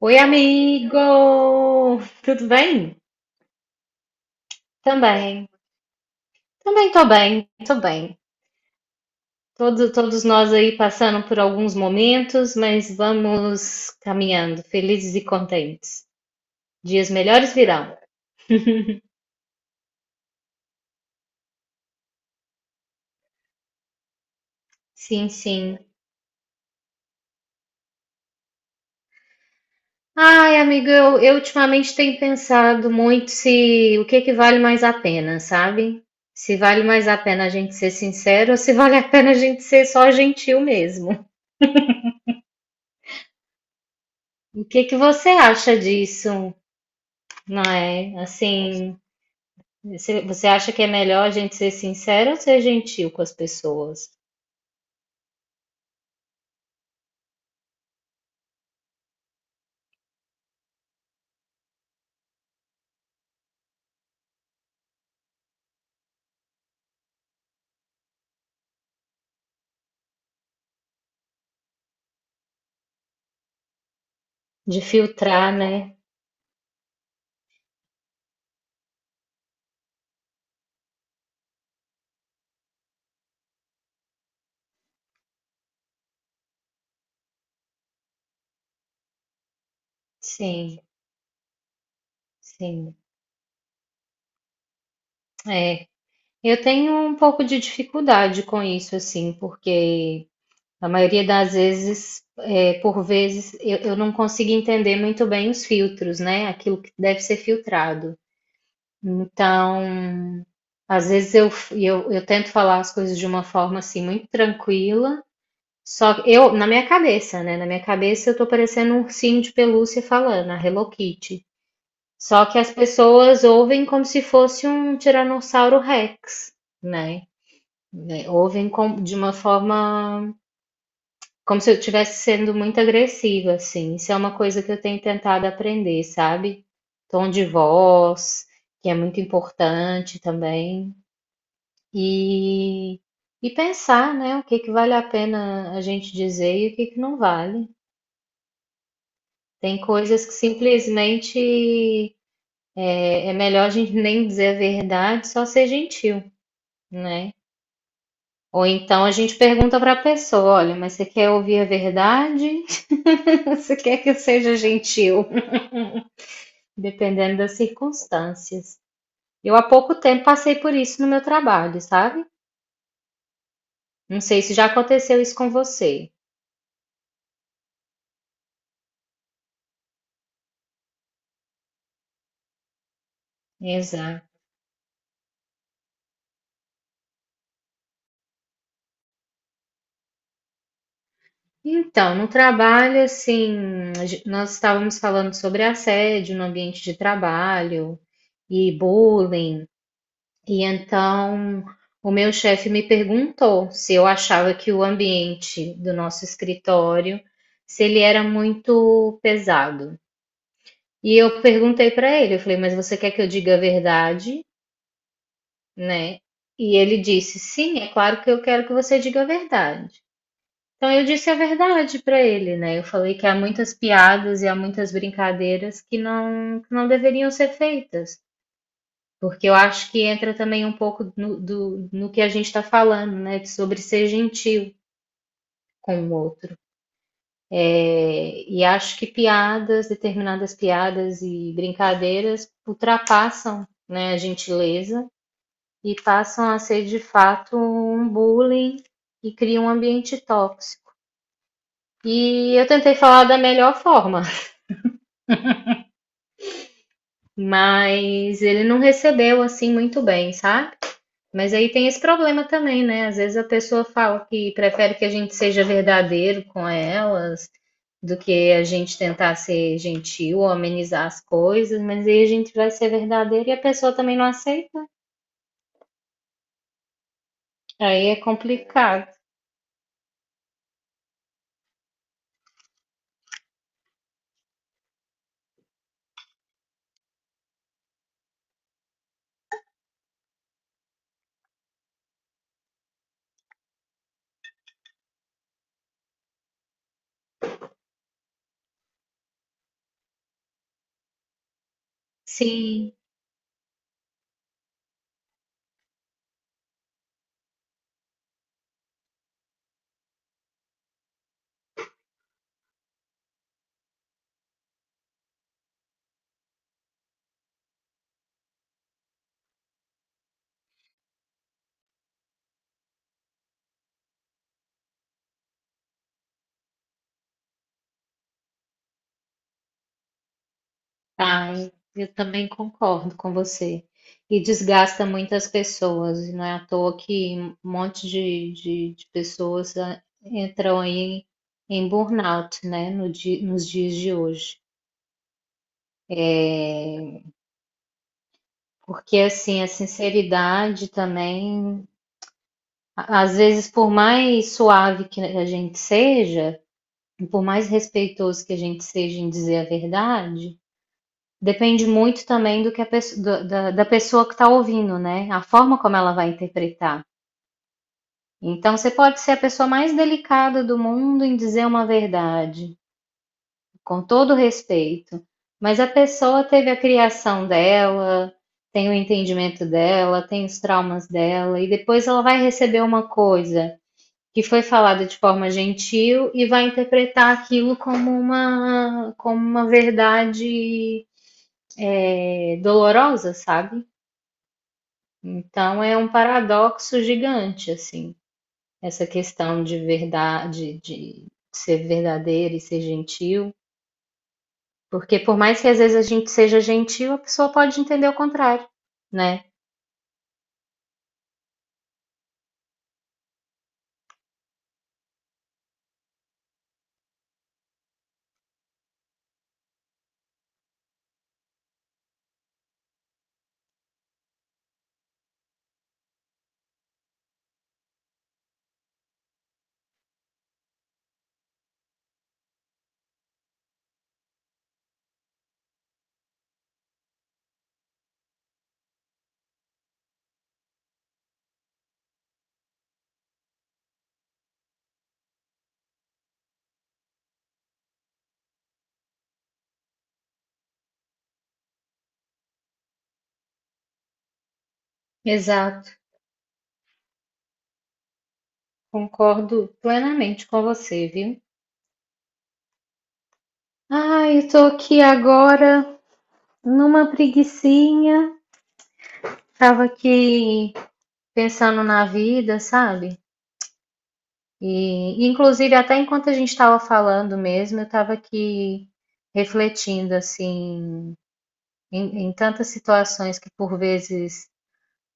Oi, amigo! Tudo bem? Também. Também tô bem, tô bem. Todos nós aí passando por alguns momentos, mas vamos caminhando, felizes e contentes. Dias melhores virão. Sim, sim. Ai, amigo, eu ultimamente tenho pensado muito se o que é que vale mais a pena, sabe? Se vale mais a pena a gente ser sincero ou se vale a pena a gente ser só gentil mesmo. O que é que você acha disso? Não é? Assim, você acha que é melhor a gente ser sincero ou ser gentil com as pessoas? De filtrar, né? Sim, sim. É. Eu tenho um pouco de dificuldade com isso, assim, porque a maioria das vezes, é, por vezes, eu não consigo entender muito bem os filtros, né? Aquilo que deve ser filtrado. Então, às vezes eu tento falar as coisas de uma forma assim muito tranquila. Só que eu, na minha cabeça, né? Na minha cabeça eu tô parecendo um ursinho de pelúcia falando, a Hello Kitty. Só que as pessoas ouvem como se fosse um Tiranossauro Rex, né? Né, de uma forma como se eu estivesse sendo muito agressiva, assim. Isso é uma coisa que eu tenho tentado aprender, sabe? Tom de voz, que é muito importante também. E, e pensar, né? O que que vale a pena a gente dizer e o que que não vale. Tem coisas que simplesmente é melhor a gente nem dizer a verdade, só ser gentil, né? Ou então a gente pergunta para a pessoa: olha, mas você quer ouvir a verdade? Você quer que eu seja gentil? Dependendo das circunstâncias. Eu há pouco tempo passei por isso no meu trabalho, sabe? Não sei se já aconteceu isso com você. Exato. Então, no trabalho, assim, nós estávamos falando sobre assédio no ambiente de trabalho e bullying, e então o meu chefe me perguntou se eu achava que o ambiente do nosso escritório, se ele era muito pesado. E eu perguntei para ele, eu falei, mas você quer que eu diga a verdade, né? E ele disse, sim, é claro que eu quero que você diga a verdade. Então eu disse a verdade para ele, né, eu falei que há muitas piadas e há muitas brincadeiras que não deveriam ser feitas, porque eu acho que entra também um pouco no que a gente está falando, né, sobre ser gentil com o outro. E acho que piadas, determinadas piadas e brincadeiras ultrapassam, né, a gentileza e passam a ser de fato um bullying e criam um ambiente tóxico. E eu tentei falar da melhor forma, mas ele não recebeu assim muito bem, sabe? Mas aí tem esse problema também, né? Às vezes a pessoa fala que prefere que a gente seja verdadeiro com elas do que a gente tentar ser gentil ou amenizar as coisas, mas aí a gente vai ser verdadeiro e a pessoa também não aceita. Aí é complicado. Sim. Ai, eu também concordo com você. E desgasta muitas pessoas, e não é à toa que um monte de pessoas entram aí em burnout, né, no di- nos dias de hoje. É, porque, assim, a sinceridade também, às vezes, por mais suave que a gente seja, e por mais respeitoso que a gente seja em dizer a verdade, depende muito também do que da pessoa que está ouvindo, né? A forma como ela vai interpretar. Então, você pode ser a pessoa mais delicada do mundo em dizer uma verdade, com todo respeito, mas a pessoa teve a criação dela, tem o entendimento dela, tem os traumas dela, e depois ela vai receber uma coisa que foi falada de forma gentil e vai interpretar aquilo como uma verdade, é, dolorosa, sabe? Então é um paradoxo gigante, assim, essa questão de verdade, de ser verdadeiro e ser gentil, porque por mais que às vezes a gente seja gentil, a pessoa pode entender o contrário, né? Exato, concordo plenamente com você, viu? Eu tô aqui agora numa preguicinha, tava aqui pensando na vida, sabe? E, inclusive, até enquanto a gente estava falando mesmo, eu estava aqui refletindo, assim, em, em tantas situações que por vezes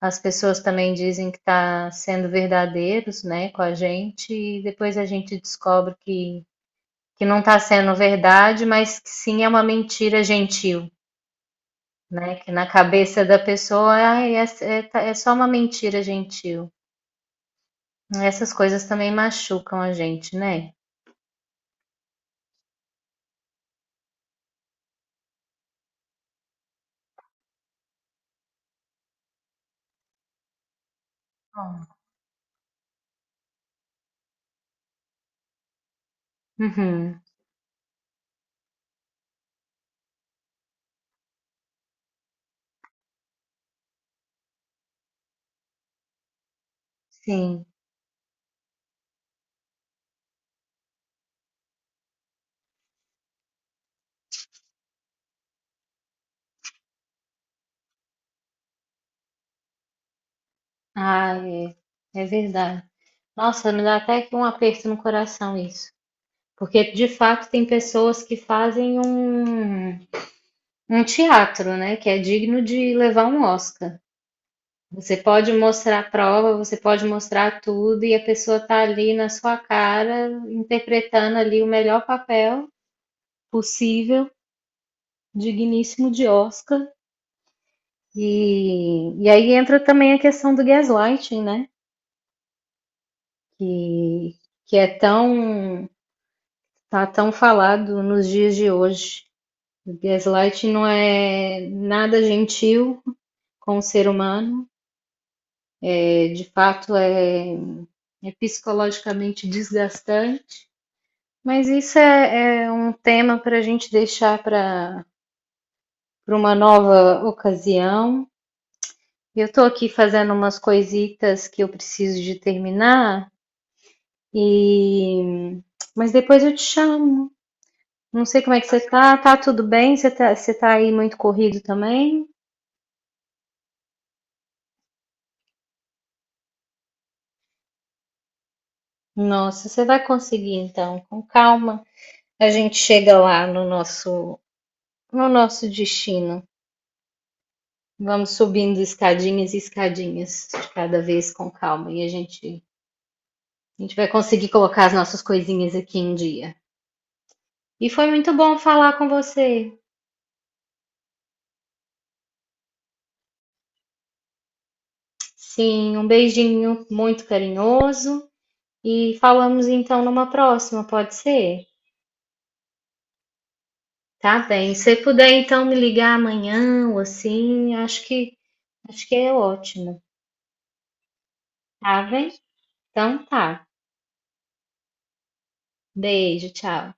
as pessoas também dizem que está sendo verdadeiros, né, com a gente, e depois a gente descobre que não está sendo verdade, mas que sim é uma mentira gentil, né, que na cabeça da pessoa "Ah, é, é, é só uma mentira gentil. Essas coisas também machucam a gente, né? Bom. Uhum, sim. Ah, é, é verdade. Nossa, me dá até que um aperto no coração isso. Porque de fato tem pessoas que fazem um, um teatro, né? Que é digno de levar um Oscar. Você pode mostrar a prova, você pode mostrar tudo, e a pessoa tá ali na sua cara, interpretando ali o melhor papel possível, digníssimo de Oscar. E aí entra também a questão do gaslighting, né? Que, que é tão. Tá tão falado nos dias de hoje. O gaslighting não é nada gentil com o ser humano, é, de fato é, é psicologicamente desgastante, mas isso é um tema para a gente deixar para uma nova ocasião. Eu estou aqui fazendo umas coisitas que eu preciso de terminar, e mas depois eu te chamo. Não sei como é que você tá, tá tudo bem? Você tá aí muito corrido também? Nossa, você vai conseguir então, com calma. A gente chega lá no nosso no nosso destino. Vamos subindo escadinhas e escadinhas de cada vez com calma e a gente vai conseguir colocar as nossas coisinhas aqui em dia. E foi muito bom falar com você. Sim, um beijinho muito carinhoso e falamos então numa próxima, pode ser? Tá bem. Se puder então me ligar amanhã ou assim, acho que é ótimo. Tá bem? Então tá. Beijo, tchau.